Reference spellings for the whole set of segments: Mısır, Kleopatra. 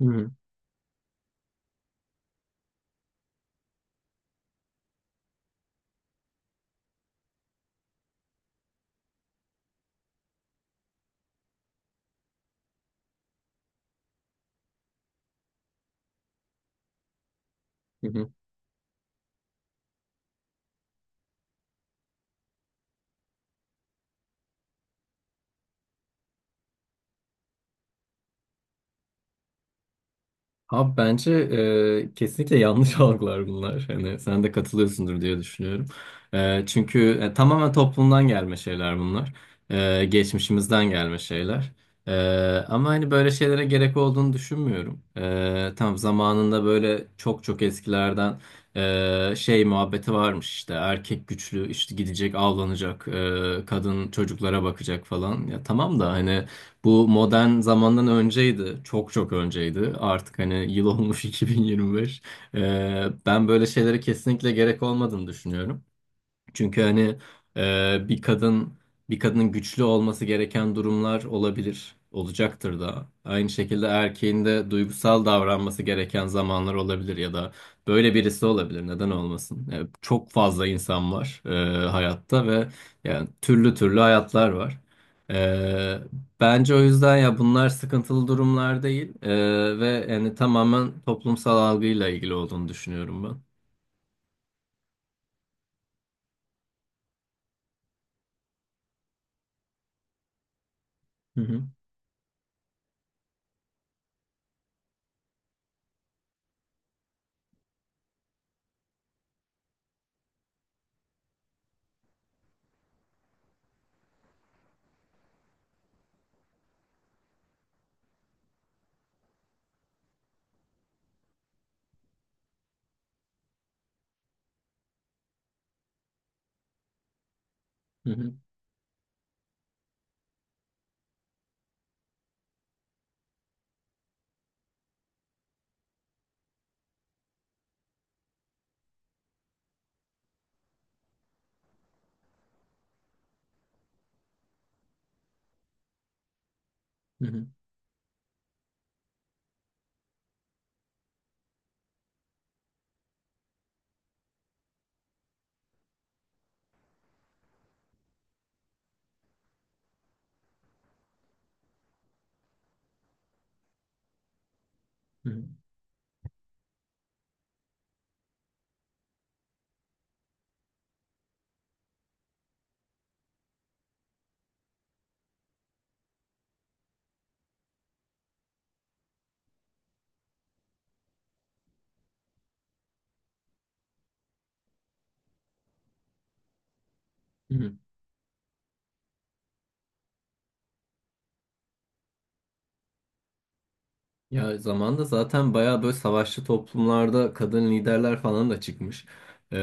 Hı hı. Hı hı. Abi bence kesinlikle yanlış algılar bunlar. Hani sen de katılıyorsundur diye düşünüyorum. Çünkü tamamen toplumdan gelme şeyler bunlar. Geçmişimizden gelme şeyler. E, Ama hani böyle şeylere gerek olduğunu düşünmüyorum. Tam zamanında böyle çok çok eskilerden şey muhabbeti varmış işte erkek güçlü işte gidecek avlanacak kadın çocuklara bakacak falan. Ya tamam da hani. Bu modern zamandan önceydi. Çok çok önceydi. Artık hani yıl olmuş 2025. Ben böyle şeylere kesinlikle gerek olmadığını düşünüyorum. Çünkü hani e, bir kadın bir kadının güçlü olması gereken durumlar olabilir, olacaktır da. Aynı şekilde erkeğin de duygusal davranması gereken zamanlar olabilir ya da böyle birisi olabilir. Neden olmasın? Yani çok fazla insan var hayatta ve yani türlü türlü hayatlar var. E, Bence o yüzden ya bunlar sıkıntılı durumlar değil, ve yani tamamen toplumsal algıyla ilgili olduğunu düşünüyorum ben. Hı hı, hı hı, hı hı, hı hı. Ya zamanda zaten bayağı böyle savaşçı toplumlarda kadın liderler falan da çıkmış. Ee,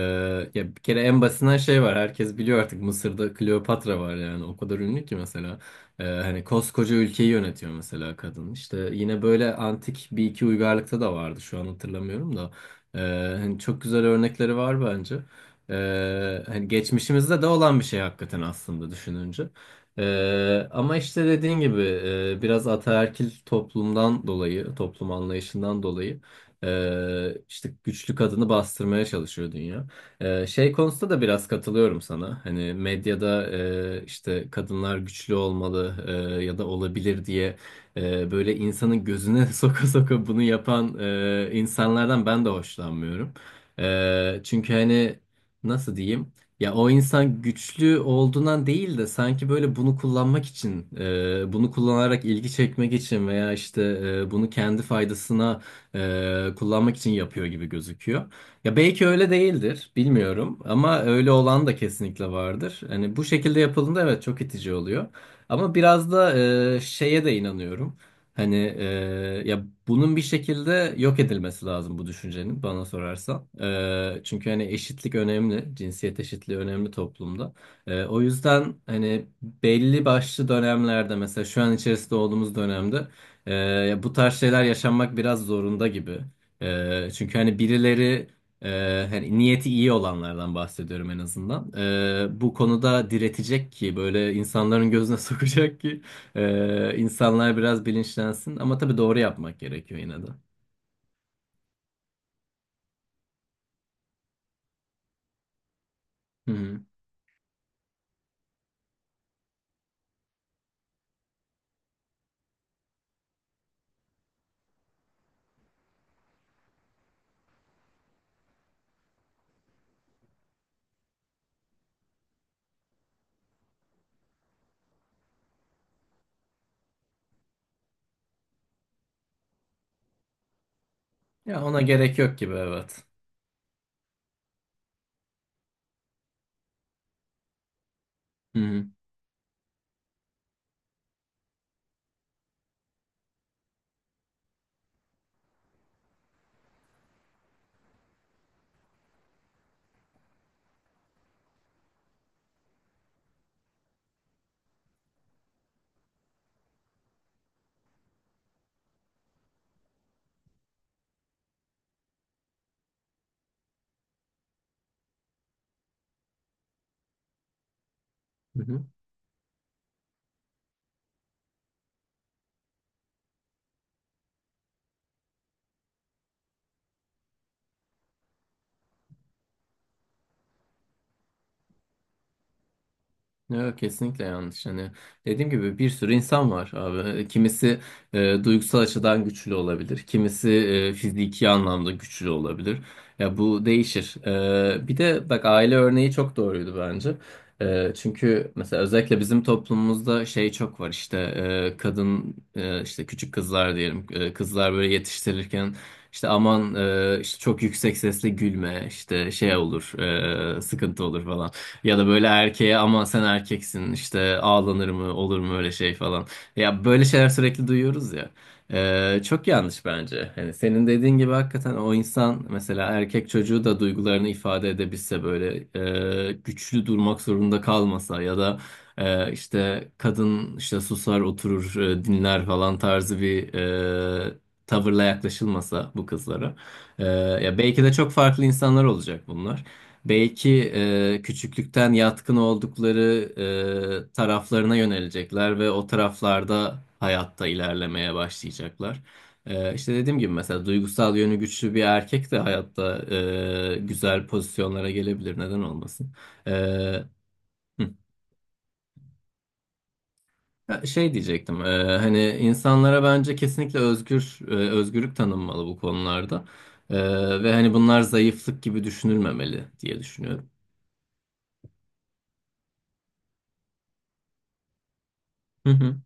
Ya bir kere en basitinden şey var. Herkes biliyor artık Mısır'da Kleopatra var yani. O kadar ünlü ki mesela. Hani koskoca ülkeyi yönetiyor mesela kadın. İşte yine böyle antik bir iki uygarlıkta da vardı. Şu an hatırlamıyorum da. Ee, Hani çok güzel örnekleri var bence. Hani geçmişimizde de olan bir şey hakikaten aslında düşününce. Ama işte dediğin gibi biraz ataerkil toplumdan dolayı, toplum anlayışından dolayı işte güçlü kadını bastırmaya çalışıyor dünya. Şey konusunda da biraz katılıyorum sana. Hani medyada işte kadınlar güçlü olmalı ya da olabilir diye böyle insanın gözüne soka soka bunu yapan insanlardan ben de hoşlanmıyorum. Çünkü hani nasıl diyeyim? Ya o insan güçlü olduğundan değil de sanki böyle bunu kullanmak için, bunu kullanarak ilgi çekmek için veya işte bunu kendi faydasına kullanmak için yapıyor gibi gözüküyor. Ya belki öyle değildir, bilmiyorum ama öyle olan da kesinlikle vardır. Hani bu şekilde yapıldığında evet çok itici oluyor. Ama biraz da şeye de inanıyorum. Hani ya bunun bir şekilde yok edilmesi lazım bu düşüncenin bana sorarsan. Çünkü hani eşitlik önemli, cinsiyet eşitliği önemli toplumda. O yüzden hani belli başlı dönemlerde mesela şu an içerisinde olduğumuz dönemde ya bu tarz şeyler yaşanmak biraz zorunda gibi. Çünkü hani birileri hani niyeti iyi olanlardan bahsediyorum en azından. Bu konuda diretecek ki böyle insanların gözüne sokacak ki. İnsanlar biraz bilinçlensin ama tabii doğru yapmak gerekiyor yine de. Hı hı. Ya ona gerek yok gibi, evet. Hı hı. Hı hı. Yok, kesinlikle yanlış. Hani dediğim gibi bir sürü insan var abi. Kimisi duygusal açıdan güçlü olabilir. Kimisi fiziki anlamda güçlü olabilir. Ya bu değişir. Bir de bak, aile örneği çok doğruydu bence. Çünkü mesela özellikle bizim toplumumuzda şey çok var işte, kadın işte küçük kızlar diyelim, kızlar böyle yetiştirirken işte aman işte çok yüksek sesle gülme işte şey olur, sıkıntı olur falan. Ya da böyle erkeğe ama sen erkeksin işte, ağlanır mı, olur mu öyle şey falan. Ya böyle şeyler sürekli duyuyoruz ya. Çok yanlış bence. Hani senin dediğin gibi hakikaten o insan mesela erkek çocuğu da duygularını ifade edebilse, böyle güçlü durmak zorunda kalmasa ya da işte kadın işte susar oturur dinler falan tarzı bir e, tavırla yaklaşılmasa bu kızlara. E, Ya belki de çok farklı insanlar olacak bunlar. Belki küçüklükten yatkın oldukları taraflarına yönelecekler ve o taraflarda hayatta ilerlemeye başlayacaklar. İşte dediğim gibi mesela duygusal yönü güçlü bir erkek de hayatta güzel pozisyonlara gelebilir. Neden olmasın? Hı. Ha, şey diyecektim. Hani insanlara bence kesinlikle özgürlük tanınmalı bu konularda. Ve hani bunlar zayıflık gibi düşünülmemeli diye düşünüyorum. Hı hı.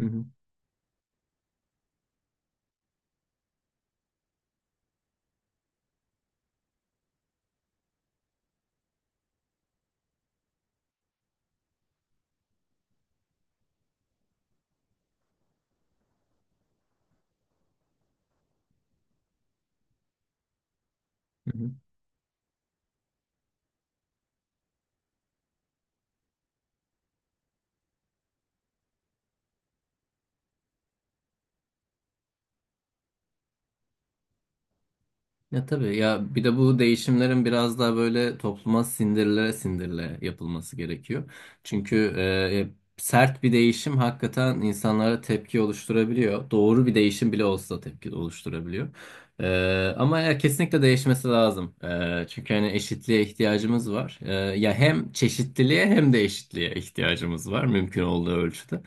Hı hı. Hı hı. Ya tabii, ya bir de bu değişimlerin biraz daha böyle topluma sindirile sindirile yapılması gerekiyor. Çünkü e, sert bir değişim hakikaten insanlara tepki oluşturabiliyor. Doğru bir değişim bile olsa tepki oluşturabiliyor. E, Ama ya kesinlikle değişmesi lazım. Çünkü hani eşitliğe ihtiyacımız var. Ya hem çeşitliliğe hem de eşitliğe ihtiyacımız var mümkün olduğu ölçüde.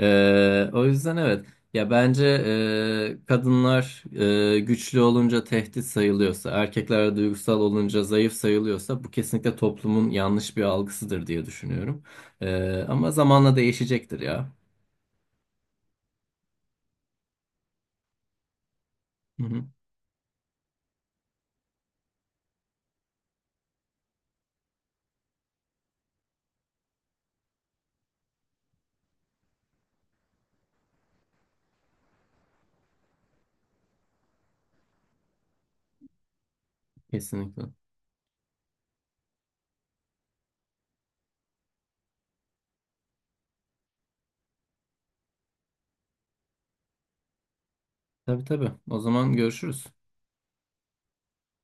O yüzden evet, ya bence kadınlar güçlü olunca tehdit sayılıyorsa, erkekler duygusal olunca zayıf sayılıyorsa bu kesinlikle toplumun yanlış bir algısıdır diye düşünüyorum. Ama zamanla değişecektir ya. Hı hı, kesinlikle. Tabii tabii. O zaman görüşürüz.